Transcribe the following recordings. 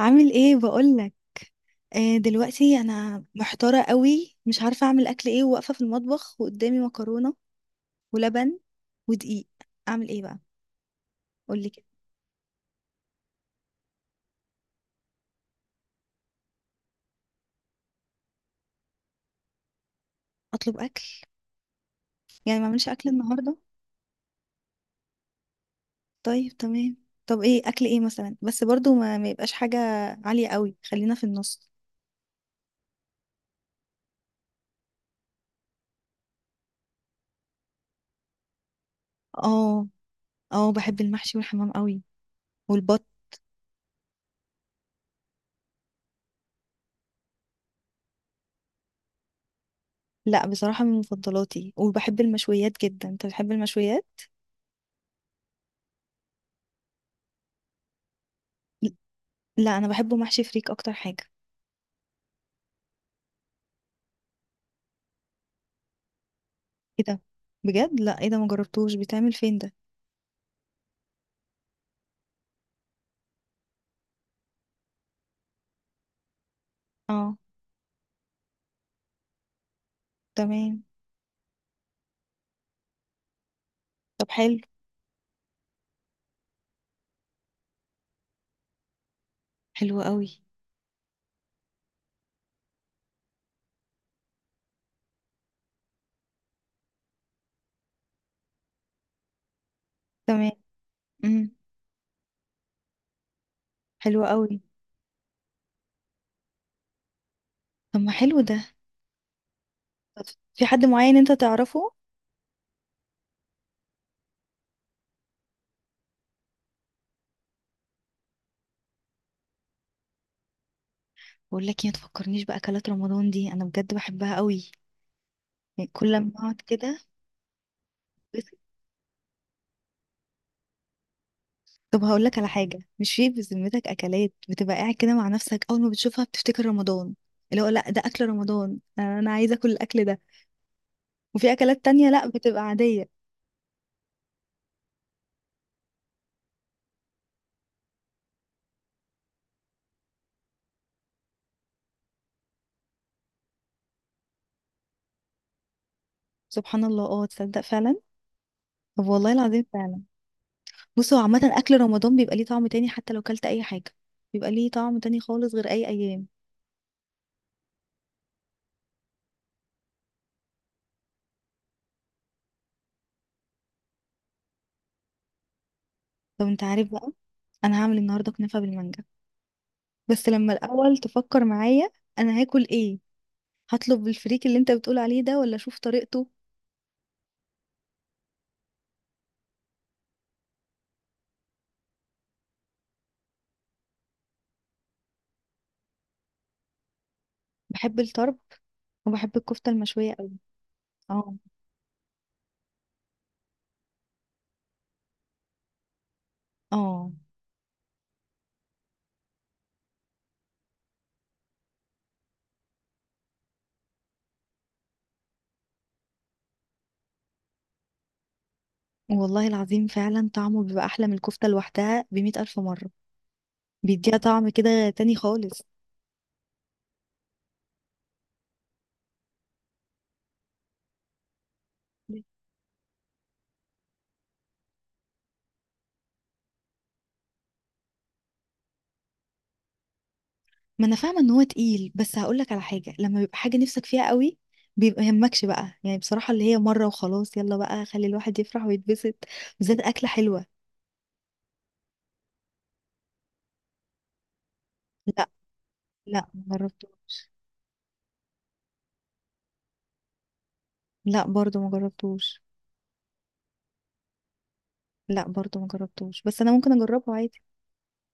عامل ايه بقولك؟ آه، دلوقتي انا محتارة قوي، مش عارفة اعمل اكل ايه، وواقفة في المطبخ وقدامي مكرونة ولبن ودقيق. اعمل ايه بقى؟ قولي كده. اطلب اكل؟ يعني ما اعملش اكل النهاردة؟ طيب، تمام. طب ايه اكل ايه مثلا، بس برضو ما يبقاش حاجة عالية قوي، خلينا في النص. اه. اه بحب المحشي والحمام قوي، والبط. لا بصراحة من مفضلاتي، وبحب المشويات جدا. انت بتحب المشويات؟ لا انا بحبه محشي فريك اكتر حاجة. ايه ده؟ بجد لا، ايه ده؟ ما جربتوش. بيتعمل فين ده؟ اه. تمام. طب حلو. حلو قوي. تمام. امم حلو قوي. طب ما حلو ده. طب في حد معين انت تعرفه؟ بقول لك إيه، ما تفكرنيش باكلات رمضان دي، انا بجد بحبها قوي. يعني كل ما اقعد كده. بس طب هقول لك على حاجه، مش في بذمتك اكلات بتبقى قاعد كده مع نفسك اول ما بتشوفها بتفتكر رمضان؟ اللي هو لا ده اكل رمضان، انا عايزه اكل الاكل ده. وفي اكلات تانية لا، بتبقى عاديه. سبحان الله، اه تصدق فعلا. طب والله العظيم فعلا. بص هو عامة أكل رمضان بيبقى ليه طعم تاني حتى لو كلت أي حاجة. بيبقى ليه طعم تاني خالص غير أي أيام. طب أنت عارف بقى؟ أنا هعمل النهاردة كنافة بالمانجا. بس لما الأول تفكر معايا أنا هاكل إيه. هطلب بالفريك اللي أنت بتقول عليه ده، ولا أشوف طريقته؟ بحب الطرب، وبحب الكفتة المشوية أوي. اه. اه والله العظيم فعلا، طعمه بيبقى أحلى من الكفتة لوحدها بمئة ألف مرة. بيديها طعم كده تاني خالص. ما انا فاهمه ان هو تقيل، بس هقول لك على حاجه: لما بيبقى حاجه نفسك فيها قوي، بيبقى يهمكش بقى، يعني بصراحه اللي هي مره وخلاص، يلا بقى خلي الواحد يفرح ويتبسط، بالذات اكله حلوه. لا. لا ما جربتوش. لا برضو ما جربتوش. لا برضو ما جربتوش، بس انا ممكن اجربه عادي.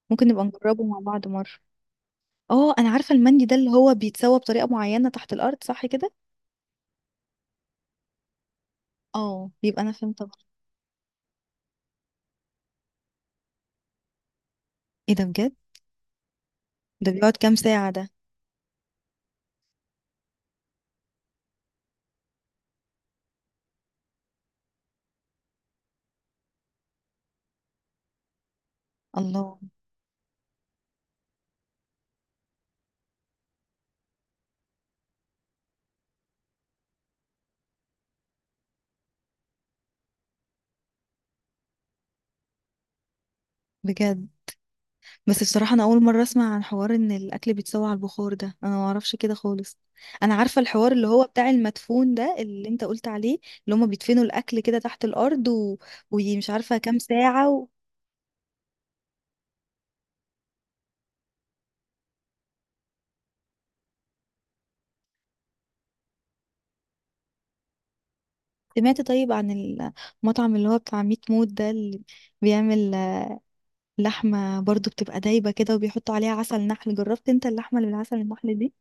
ممكن نبقى نجربه مع بعض مره. اه انا عارفه المندي ده اللي هو بيتسوى بطريقه معينه تحت الارض، صح كده؟ اه، يبقى انا فهمت غلط. ايه ده بجد؟ ده بيقعد كام ساعه ده؟ الله. بجد؟ بس بصراحة أنا أول مرة أسمع عن حوار إن الأكل بيتسوى على البخار ده. أنا ما أعرفش كده خالص. أنا عارفة الحوار اللي هو بتاع المدفون ده اللي أنت قلت عليه. اللي هما بيدفنوا الأكل كده تحت الأرض، و... ومش عارفة كام ساعة. و... سمعت طيب عن المطعم اللي هو بتاع ميت موت ده، اللي بيعمل لحمة برضو بتبقى دايبة كده وبيحطوا عليها عسل نحل؟ جربت أنت اللحمة اللي بالعسل النحل دي؟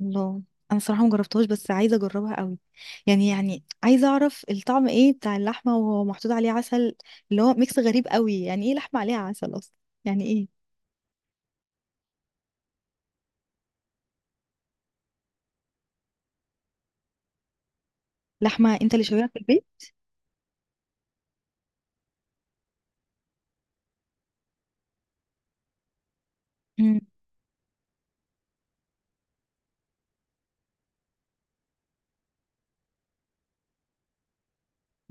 الله. انا صراحه مجربتهاش بس عايزه اجربها قوي. يعني عايزه اعرف الطعم ايه بتاع اللحمه وهو محطوط عليه عسل. اللي هو ميكس غريب قوي، يعني ايه لحمه عليها عسل اصلا؟ يعني ايه؟ لحمه انت اللي شويها في البيت؟ امم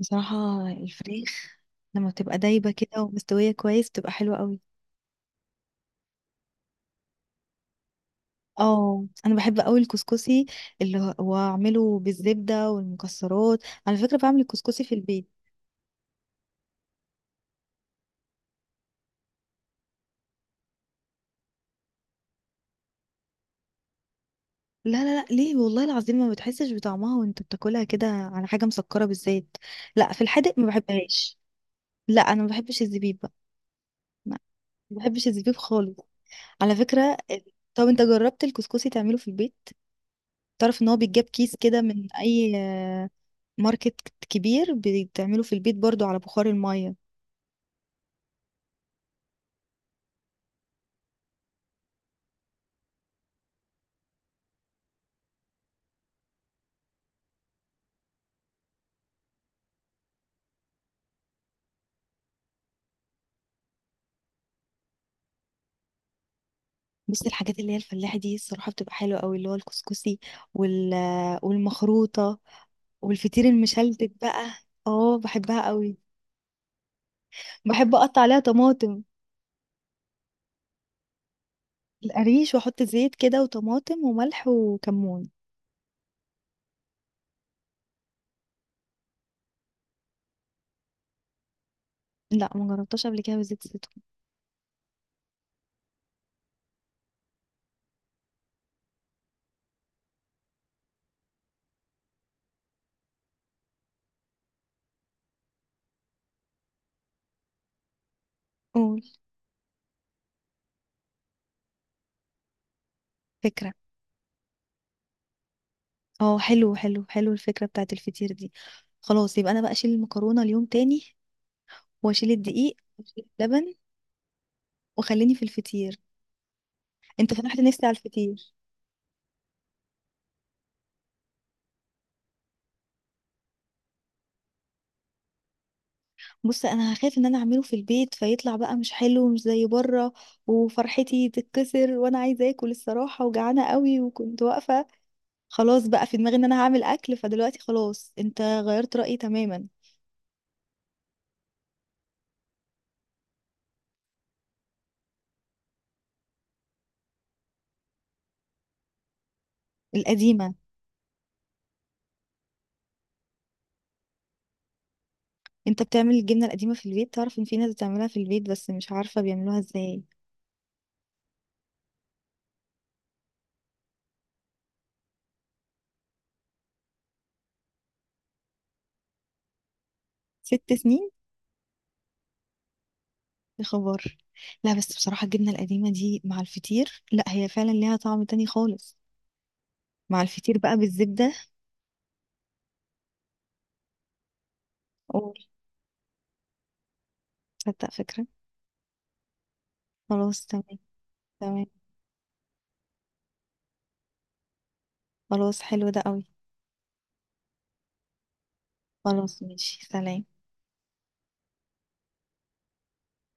بصراحه الفريخ لما بتبقى دايبه كده ومستويه كويس، بتبقى حلوه قوي. اه انا بحب قوي الكسكسي. اللي هو اعمله بالزبده والمكسرات. على فكره بعمل الكسكسي في البيت. لا ليه؟ والله العظيم ما بتحسش بطعمها وانت بتاكلها كده على حاجة مسكرة بالزيت. لا في الحادق ما بحبهاش. لا انا ما بحبش الزبيب بقى. لا ما بحبش الزبيب خالص، على فكرة. طب انت جربت الكسكسي تعمله في البيت؟ تعرف ان هو بيتجاب كيس كده من اي ماركت كبير، بتعمله في البيت برضو على بخار المية. بس الحاجات اللي هي الفلاحة دي الصراحة بتبقى حلوة قوي، اللي هو الكسكسي، وال... والمخروطة، والفطير المشلتت بقى. اه بحبها قوي. بحب اقطع عليها طماطم. القريش، واحط زيت كده وطماطم وملح وكمون. لا ما جربتهاش قبل كده بزيت الزيتون. قول. فكرة. اه حلو حلو حلو الفكرة بتاعت الفطير دي. خلاص يبقى انا بقى اشيل المكرونة اليوم تاني، واشيل الدقيق، واشيل اللبن، وخليني في الفطير. انت فتحت نفسي على الفطير. بص انا هخاف ان انا اعمله في البيت فيطلع بقى مش حلو، مش زي بره، وفرحتي تتكسر، وانا عايزه اكل الصراحه، وجعانه قوي، وكنت واقفه. خلاص بقى في دماغي ان انا هعمل اكل، فدلوقتي خلاص انت غيرت رأيي تماما. القديمة. انت بتعمل الجبنة القديمة في البيت؟ تعرف ان في ناس بتعملها في البيت، بس مش عارفة بيعملوها ازاي. ست سنين؟ يا خبر. لا بس بصراحة الجبنة القديمة دي مع الفطير، لا هي فعلا ليها طعم تاني خالص، مع الفطير بقى بالزبدة. قول. تصدق فكرة. خلاص تمام. تمام. خلاص حلو ده قوي. خلاص ماشي، سلام.